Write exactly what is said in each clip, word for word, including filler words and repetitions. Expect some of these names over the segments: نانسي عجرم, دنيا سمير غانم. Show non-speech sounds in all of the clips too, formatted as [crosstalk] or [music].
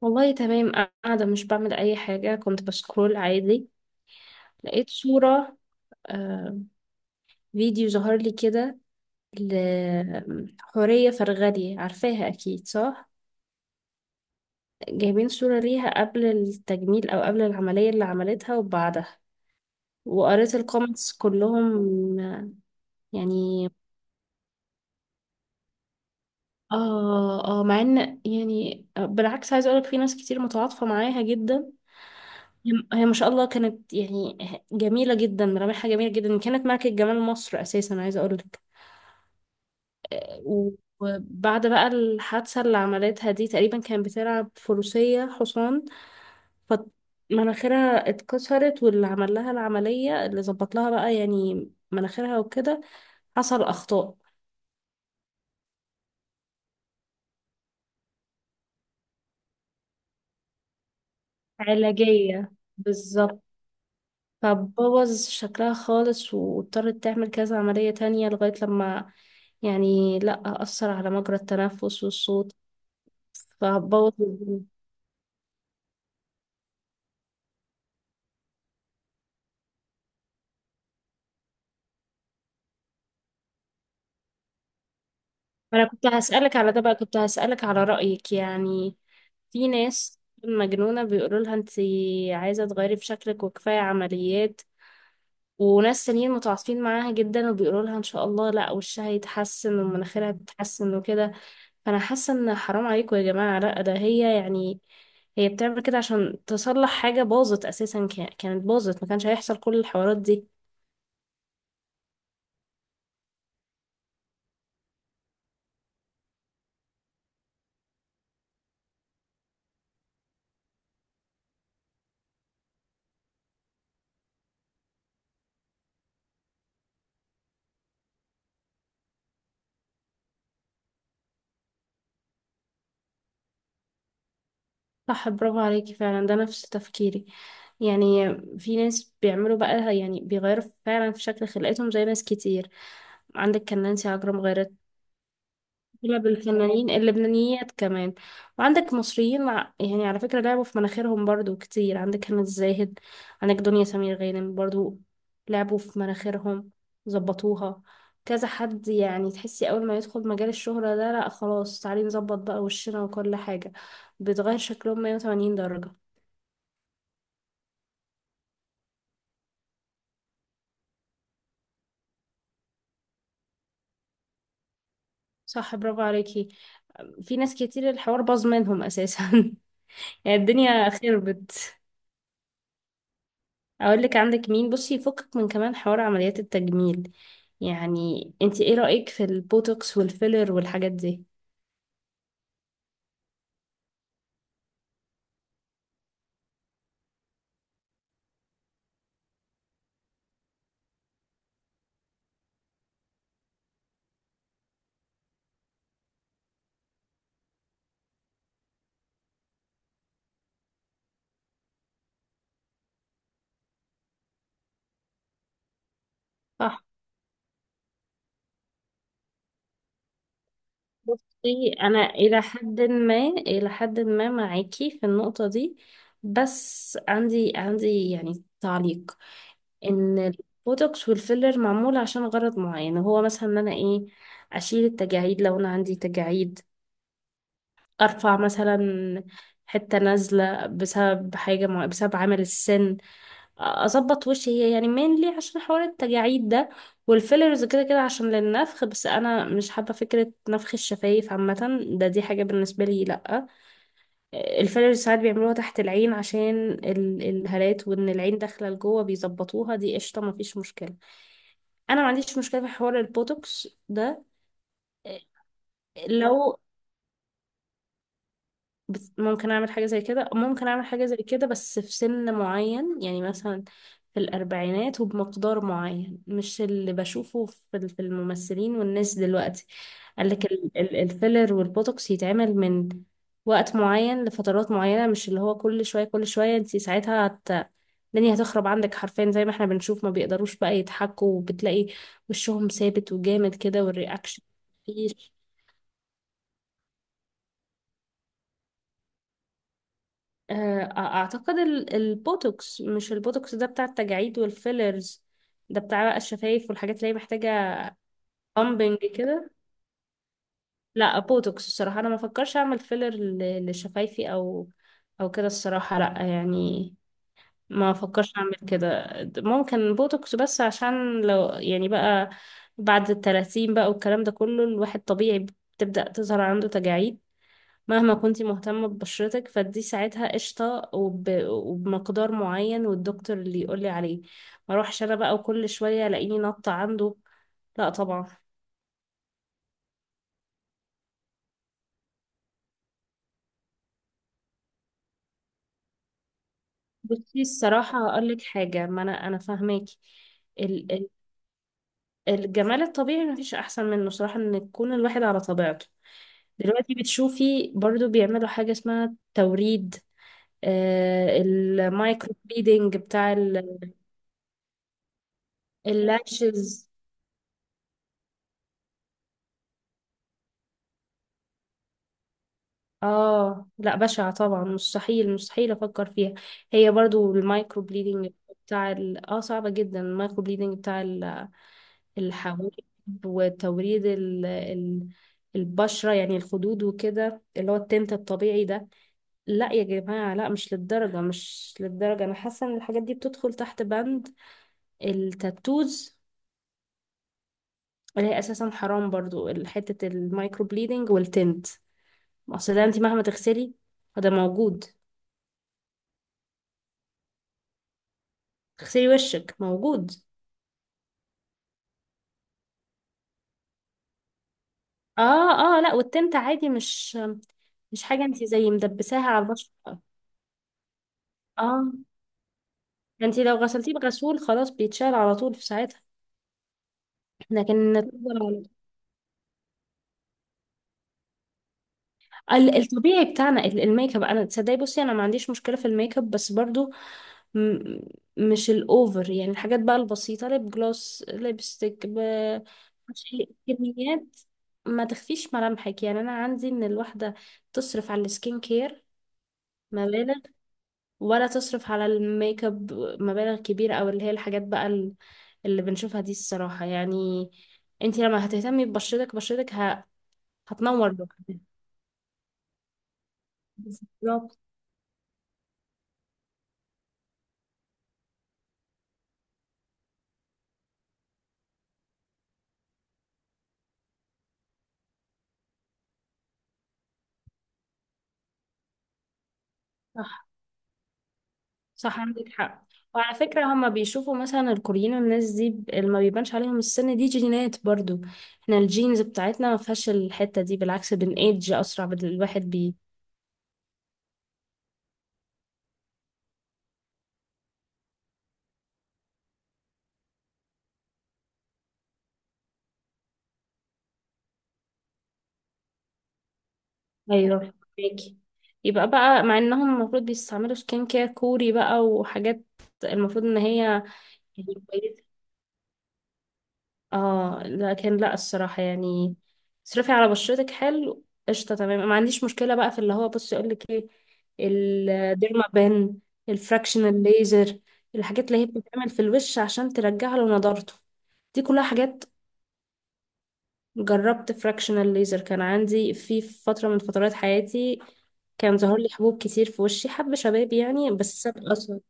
والله تمام. قاعدة مش بعمل أي حاجة، كنت بسكرول عادي. لقيت صورة، آه فيديو ظهر لي كده لحورية فرغلي، عارفاها أكيد صح؟ جايبين صورة ليها قبل التجميل أو قبل العملية اللي عملتها وبعدها، وقريت الكومنتس كلهم. يعني اه اه مع ان، يعني بالعكس، عايزه اقولك في ناس كتير متعاطفه معاها جدا. هي هي ما شاء الله كانت يعني جميله جدا، ملامحها جميله جدا، كانت ملكه جمال مصر اساسا، عايزه اقولك. و- وبعد بقى الحادثه اللي عملتها دي، تقريبا كانت بتلعب فروسيه، حصان، فمناخيرها اتكسرت، واللي عمل لها العمليه اللي ظبط لها بقى يعني مناخيرها وكده حصل اخطاء علاجيه بالظبط. فبوظ شكلها خالص، واضطرت تعمل كذا عملية تانية لغاية لما يعني لأ، أثر على مجرى التنفس والصوت. فبوظ الدنيا. أنا كنت هسألك على ده بقى، كنت هسألك على رأيك يعني. في ناس مجنونة بيقولوا لها أنت عايزة تغيري في شكلك وكفاية عمليات، وناس تانيين متعاطفين معاها جدا وبيقولوا لها إن شاء الله لأ، وشها هيتحسن ومناخيرها هتتحسن وكده. فانا حاسه ان حرام عليكم يا جماعه، لا، ده هي يعني هي بتعمل كده عشان تصلح حاجه باظت اساسا، كا- كانت باظت، ما كانش هيحصل كل الحوارات دي. صح، برافو عليكي فعلا، ده نفس تفكيري. يعني في ناس بيعملوا بقى يعني بيغيروا فعلا في شكل خلقتهم زي ناس كتير. عندك كان نانسي عجرم غيرت. اغلب الفنانين اللبنانيات كمان. وعندك مصريين، مع- يعني على فكرة لعبوا في مناخيرهم برضو كتير. عندك هنا الزاهد، عندك دنيا سمير غانم برضو، لعبوا في مناخيرهم، ظبطوها. كذا حد، يعني تحسي اول ما يدخل مجال الشهرة ده، لا خلاص، تعالي نظبط بقى وشنا وكل حاجة. بيتغير شكلهم مية وتمانين درجة. صح، برافو عليكي. في ناس كتير الحوار باظ منهم اساسا [laughs] يعني الدنيا خربت. اقول لك عندك مين بصي، يفكك من كمان حوار عمليات التجميل. يعني انت ايه رأيك في البوتوكس والفيلر والحاجات دي؟ صح. بصي، انا الى حد ما الى حد ما معاكي في النقطة دي، بس عندي عندي يعني تعليق. ان البوتوكس والفيلر معمول عشان غرض معين، هو مثلا ان انا ايه، اشيل التجاعيد لو انا عندي تجاعيد، ارفع مثلا حتة نازلة بسبب حاجة مع... بسبب عمل السن، اظبط وشي هي يعني مينلي عشان حوار التجاعيد ده. والفيلرز كده كده عشان للنفخ، بس انا مش حابه فكره نفخ الشفايف عامه، ده دي حاجه بالنسبه لي لا. الفيلرز ساعات بيعملوها تحت العين عشان ال- الهالات، وان العين داخله لجوه بيظبطوها، دي قشطه مفيش مشكله. انا ما عنديش مشكله في حوار البوتوكس ده. لو، بس ممكن اعمل حاجة زي كده، ممكن اعمل حاجة زي كده بس في سن معين، يعني مثلا في الاربعينات، وبمقدار معين، مش اللي بشوفه في ال- في الممثلين والناس دلوقتي. قال لك ال- ال- الفيلر والبوتوكس يتعمل من وقت معين لفترات معينة، مش اللي هو كل شوية كل شوية. انت ساعتها هت... الدنيا هتخرب عندك حرفيا، زي ما احنا بنشوف ما بيقدروش بقى يضحكوا، وبتلاقي وشهم ثابت وجامد كده والرياكشن مفيش. آه، اعتقد ال- البوتوكس، مش البوتوكس ده بتاع التجاعيد والفيلرز، ده بتاع بقى الشفايف والحاجات اللي هي محتاجة بامبنج كده. لا بوتوكس، الصراحة انا ما فكرش اعمل فيلر ل- لشفايفي او او كده، الصراحة لا يعني، ما فكرش اعمل كده. ممكن بوتوكس بس عشان لو يعني بقى بعد التلاتين بقى والكلام ده كله، الواحد طبيعي بتبدأ تظهر عنده تجاعيد، مهما كنتي مهتمة ببشرتك، فدي ساعتها قشطة، وب... وبمقدار معين والدكتور اللي يقولي عليه، ما اروحش انا بقى وكل شوية الاقيني نطة عنده، لا طبعا. بصي الصراحة هقولك حاجة، ما انا انا فاهماكي. ال... ال... الجمال الطبيعي مفيش احسن منه صراحة، ان يكون الواحد على طبيعته. دلوقتي بتشوفي برضو بيعملوا حاجة اسمها توريد، آه المايكرو بليدنج بتاع اللاشز. اه لا، بشعة طبعا، مستحيل مستحيل افكر فيها. هي برضو المايكرو بليدنج بتاع ال... اه، صعبة جدا. المايكرو بليدنج بتاع ال- الحواجب، وتوريد ال... ال... البشرة يعني الخدود وكده، اللي هو التنت الطبيعي ده، لا يا جماعة لا، مش للدرجة مش للدرجة. انا حاسة ان الحاجات دي بتدخل تحت بند التاتوز، اللي هي اساسا حرام برضو، حتة المايكرو بليدنج والتنت. اصل ده انت مهما تغسلي فده موجود، تغسلي وشك موجود. اه، اه لا، والتنت عادي، مش مش حاجة، انت زي مدبساها على البشرة. اه، انت لو غسلتيه بغسول خلاص بيتشال على طول في ساعتها، لكن تفضل. على، ال- الطبيعي بتاعنا، ال- الميك اب انا تصدقي، بصي انا ما عنديش مشكلة في الميك اب، بس برضو م مش الاوفر، يعني الحاجات بقى البسيطة، ليب جلوس، ليبستيك، ب مش- كميات ما تخفيش ملامحك. يعني انا عندي ان الواحدة تصرف على السكين كير مبالغ ولا تصرف على الميك اب مبالغ كبيرة، او اللي هي الحاجات بقى ال- اللي بنشوفها دي الصراحة يعني. انت لما هتهتمي ببشرتك، بشرتك ه... هتنور لوحدها، بالظبط. صح صح، عندك حق. وعلى فكرة هما بيشوفوا مثلا الكوريين والناس دي ب- اللي ما بيبانش عليهم السن دي جينات برضو. احنا الجينز بتاعتنا ما فيهاش الحتة دي، بالعكس بنأيدج أسرع بال- الواحد بي، ايوه فاكي. يبقى بقى مع انهم المفروض بيستعملوا سكين كير كوري بقى وحاجات، المفروض ان هي هي كويسة. اه لكن لا، الصراحة يعني اصرفي على بشرتك حلو قشطة تمام، ما عنديش مشكلة بقى في اللي هو بصي اقول لك ايه، الديرما بان، الفراكشنال ليزر، الحاجات اللي هي بتتعمل في الوش عشان ترجع له نضارته، دي كلها حاجات. جربت فراكشنال ليزر، كان عندي في فترة من فترات حياتي كان ظهر لي حبوب كتير في وشي، حب شباب يعني، بس ساب أثر.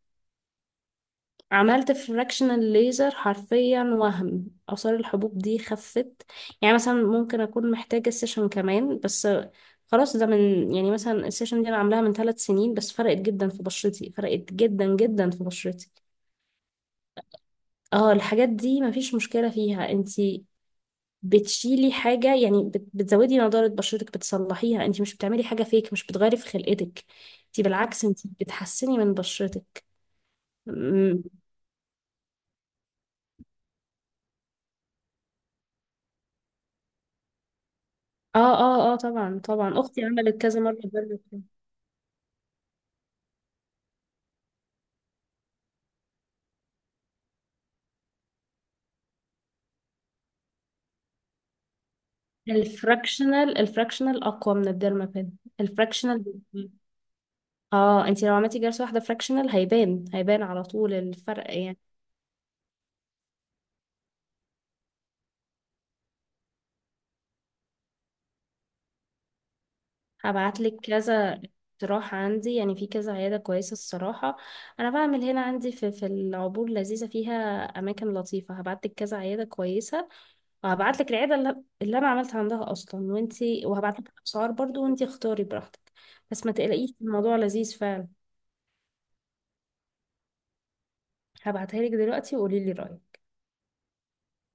عملت فراكشنال ليزر حرفيا، وهم آثار الحبوب دي خفت، يعني مثلا ممكن أكون محتاجة سيشن كمان بس خلاص. ده من يعني مثلا السيشن دي أنا عاملاها من ثلاث سنين، بس فرقت جدا في بشرتي، فرقت جدا جدا في بشرتي. اه الحاجات دي مفيش مشكلة فيها، انتي بتشيلي حاجة يعني، بت- بتزودي نضارة بشرتك، بتصلحيها، انتي مش بتعملي حاجة فيك، مش بتغيري في خلقتك، انتي بالعكس انتي بتحسني من بشرتك. اه اه اه طبعا طبعا، اختي عملت كذا مره الديرما بان. الفراكشنال الفراكشنال اقوى من الديرما بان. الفراكشنال، اه انتي لو عملتي جلسه واحده فراكشنال هيبان، هيبان على طول الفرق يعني. هبعتلك كذا اقتراح عندي، يعني في كذا عياده كويسه الصراحه. انا بعمل هنا عندي في في العبور، لذيذه فيها اماكن لطيفه. هبعتلك كذا عياده كويسه، وهبعتلك العياده اللي, اللي انا عملت عندها اصلا وانتي، وهبعتلك اسعار برضو وانتي اختاري براحتك. بس ما تقلقيش، الموضوع لذيذ فعلا. هبعتها لك دلوقتي وقولي لي رأيك.